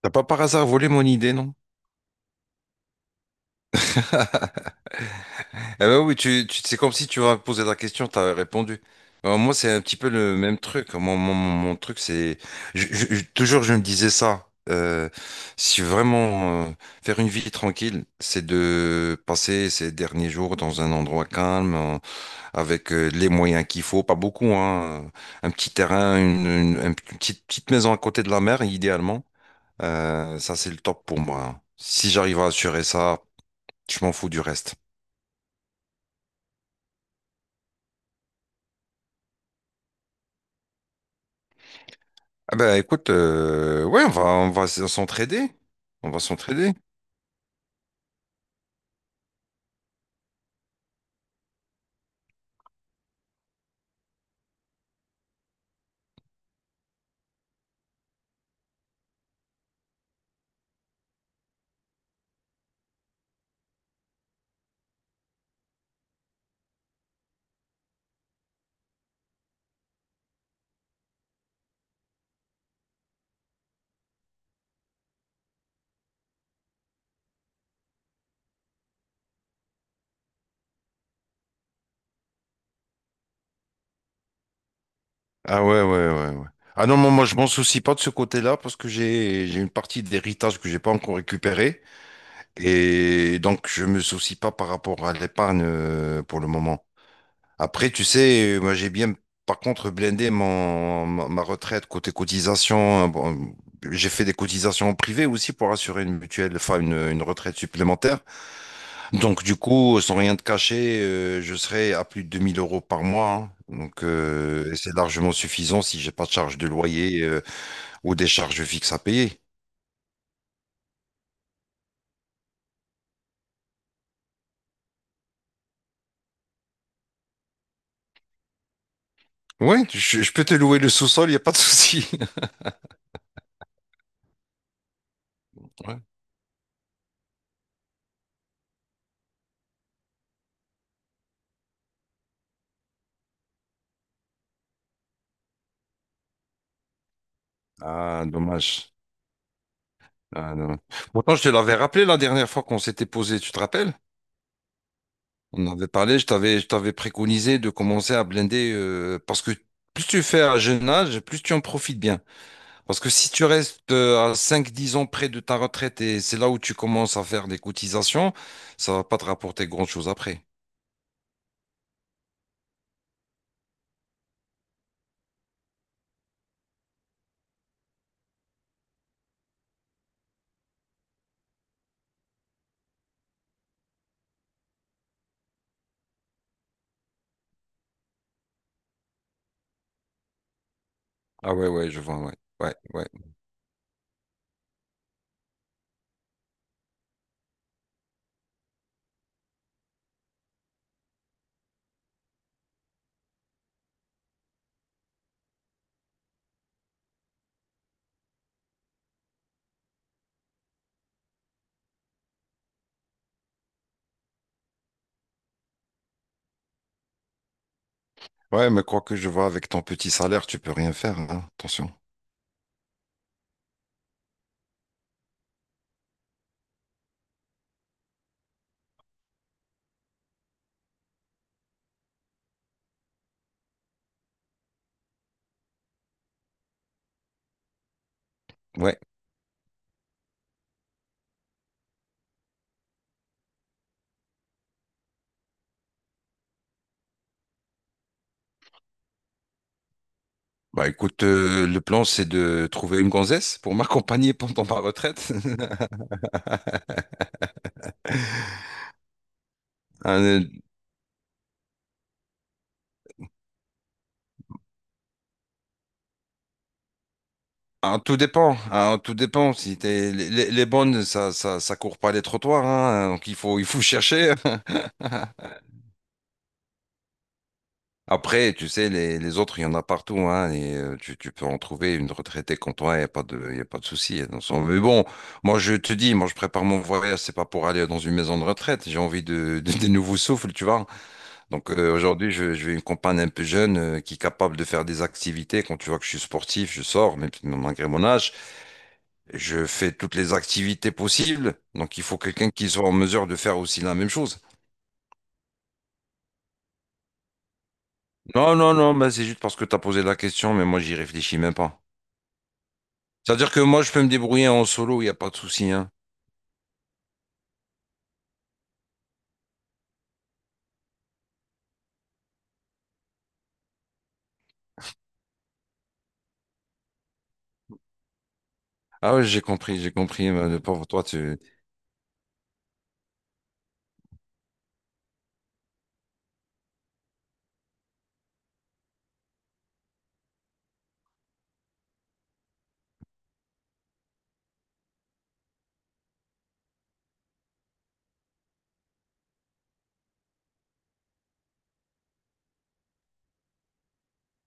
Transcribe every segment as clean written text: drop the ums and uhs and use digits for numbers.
T'as pas par hasard volé mon idée, non? Eh ben oui, tu, c'est comme si tu m'avais posé la question, t'avais répondu. Alors moi, c'est un petit peu le même truc. Mon truc, c'est... toujours, je me disais ça. Si vraiment faire une vie tranquille, c'est de passer ces derniers jours dans un endroit calme, avec les moyens qu'il faut, pas beaucoup, hein. Un petit terrain, une petite, petite maison à côté de la mer, idéalement. Ça, c'est le top pour moi. Si j'arrive à assurer ça, je m'en fous du reste. Ah bah écoute, ouais, on va s'entraider. On va s'entraider. Ah ouais, ouais, ouais, ouais. Ah non, moi, je m'en soucie pas de ce côté-là parce que j'ai une partie d'héritage que j'ai pas encore récupérée. Et donc, je me soucie pas par rapport à l'épargne pour le moment. Après, tu sais, moi, j'ai bien, par contre, blindé ma retraite côté cotisation. Bon, j'ai fait des cotisations en privé aussi pour assurer une mutuelle, enfin, une retraite supplémentaire. Donc, du coup, sans rien te cacher, je serai à plus de 2000 € par mois, hein. Donc, et c'est largement suffisant si j'ai pas de charge de loyer ou des charges fixes à payer. Ouais, je peux te louer le sous-sol, il n'y a pas de souci. Ouais. Ah, dommage. Ah, dommage. Pourtant, je te l'avais rappelé la dernière fois qu'on s'était posé, tu te rappelles? On avait parlé, je t'avais préconisé de commencer à blinder parce que plus tu fais à jeune âge, plus tu en profites bien. Parce que si tu restes à 5 10 ans près de ta retraite et c'est là où tu commences à faire des cotisations, ça va pas te rapporter grand-chose après. Ah ouais, ouais, je vois, ouais. Ouais, ouais. Ouais, mais quoi que je vois, avec ton petit salaire, tu peux rien faire, hein. Attention. Ouais. Bah écoute, le plan, c'est de trouver une gonzesse pour m'accompagner pendant ma retraite. Euh, ah, tout dépend, hein, tout dépend. Si t'es, les bonnes, ça court pas les trottoirs, hein, donc il faut chercher. Après, tu sais, les autres, il y en a partout, hein, et tu peux en trouver une retraitée comme toi, il y a pas de souci, hein. Mais bon, moi, je te dis, moi, je prépare mon voyage, c'est pas pour aller dans une maison de retraite, j'ai envie de, de, des nouveaux souffles, tu vois. Donc, aujourd'hui, je vais une compagne un peu jeune, qui est capable de faire des activités. Quand tu vois que je suis sportif, je sors, même si- malgré mon âge, je fais toutes les activités possibles. Donc, il faut quelqu'un qui soit en mesure de faire aussi la même chose. Non, non, non, bah, c'est juste parce que tu as posé la question, mais moi, j'y réfléchis même pas. C'est-à-dire que moi, je peux me débrouiller en solo, il n'y a pas de souci, hein. Ah ouais, j'ai compris, j'ai compris, mais le pauvre toi, tu...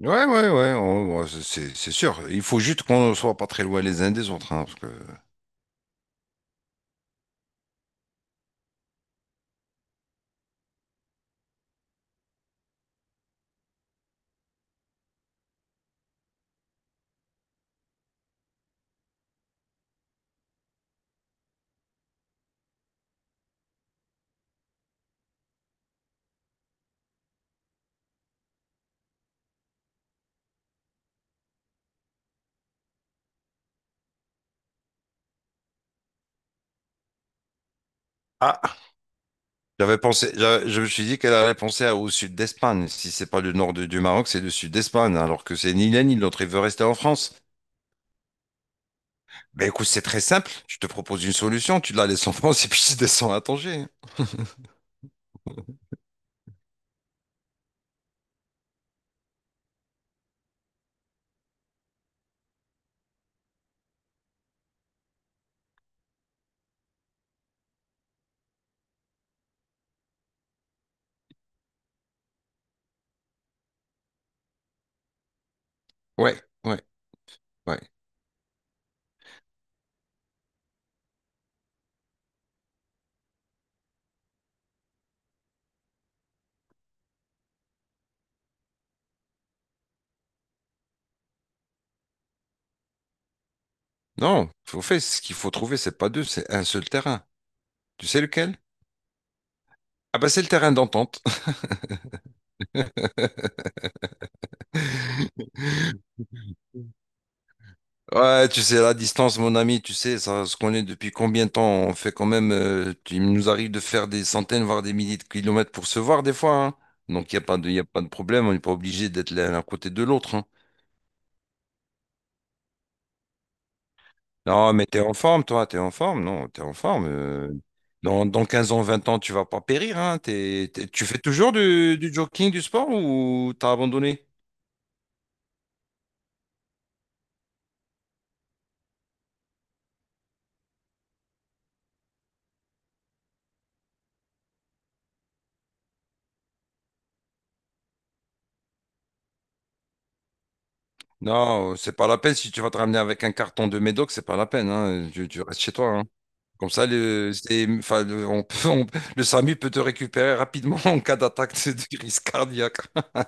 Ouais, ouais, ouais, c'est sûr. Il faut juste qu'on ne soit pas très loin les uns des autres, hein, parce que... Ah, j'avais pensé, je me suis dit qu'elle allait penser au sud d'Espagne. Si c'est pas le nord du Maroc, c'est le sud d'Espagne, alors que c'est ni l'un ni l'autre. Il veut rester en France. Ben écoute, c'est très simple. Je te propose une solution. Tu la laisses en France et puis tu descends à Tanger. Ouais, ouais. Ouais. Non, faut faire ce qu'il faut trouver, c'est pas deux, c'est un seul terrain. Tu sais lequel? Ah bah c'est le terrain d'entente. Ouais, tu sais, la distance, mon ami, tu sais, ça se connaît depuis combien de temps? On fait quand même, il nous arrive de faire des centaines, voire des milliers de kilomètres pour se voir des fois, hein. Donc il n'y a pas de, y a pas de problème, on n'est pas obligé d'être l'un à côté de l'autre, hein. Non, mais t'es en forme, toi, t'es en forme, non, t'es en forme. Dans 15 ans, 20 ans, tu vas pas périr. Hein. Tu fais toujours du jogging, du sport ou t'as abandonné? Non, c'est pas la peine. Si tu vas te ramener avec un carton de médoc, c'est pas la peine, hein. Tu restes chez toi, hein. Comme ça, le, c'est- enfin, le, on peut- le SAMU peut te récupérer rapidement en cas d'attaque de crise cardiaque.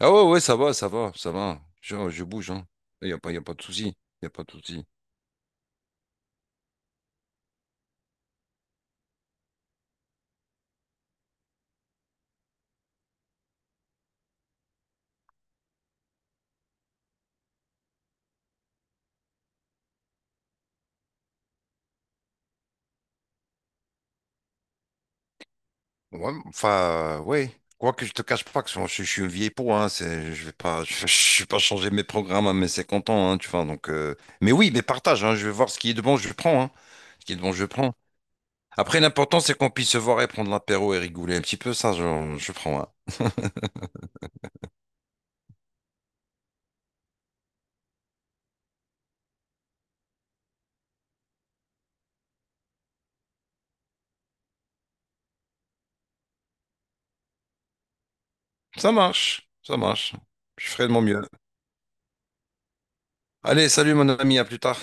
Ah ouais, ouais, ça va, ça va, ça va. Je bouge, hein. Il n'y a pas, y a pas de souci. Il a pas de souci. Ouais, enfin, ouais. Quoique je te cache pas que je suis une vieille peau, hein, je vais pas, je vais pas changer mes programmes à mes 50 ans, hein, tu vois, donc, mais oui, mais partage, hein, je vais voir ce qui est de bon, je prends, hein, ce qui est de bon, je prends. Après, l'important, c'est qu'on puisse se voir et prendre l'apéro et rigoler un petit peu. Ça, je prends, hein. Ça marche, ça marche. Je ferai de mon mieux. Allez, salut mon ami, à plus tard.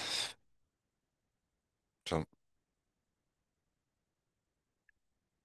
Ciao.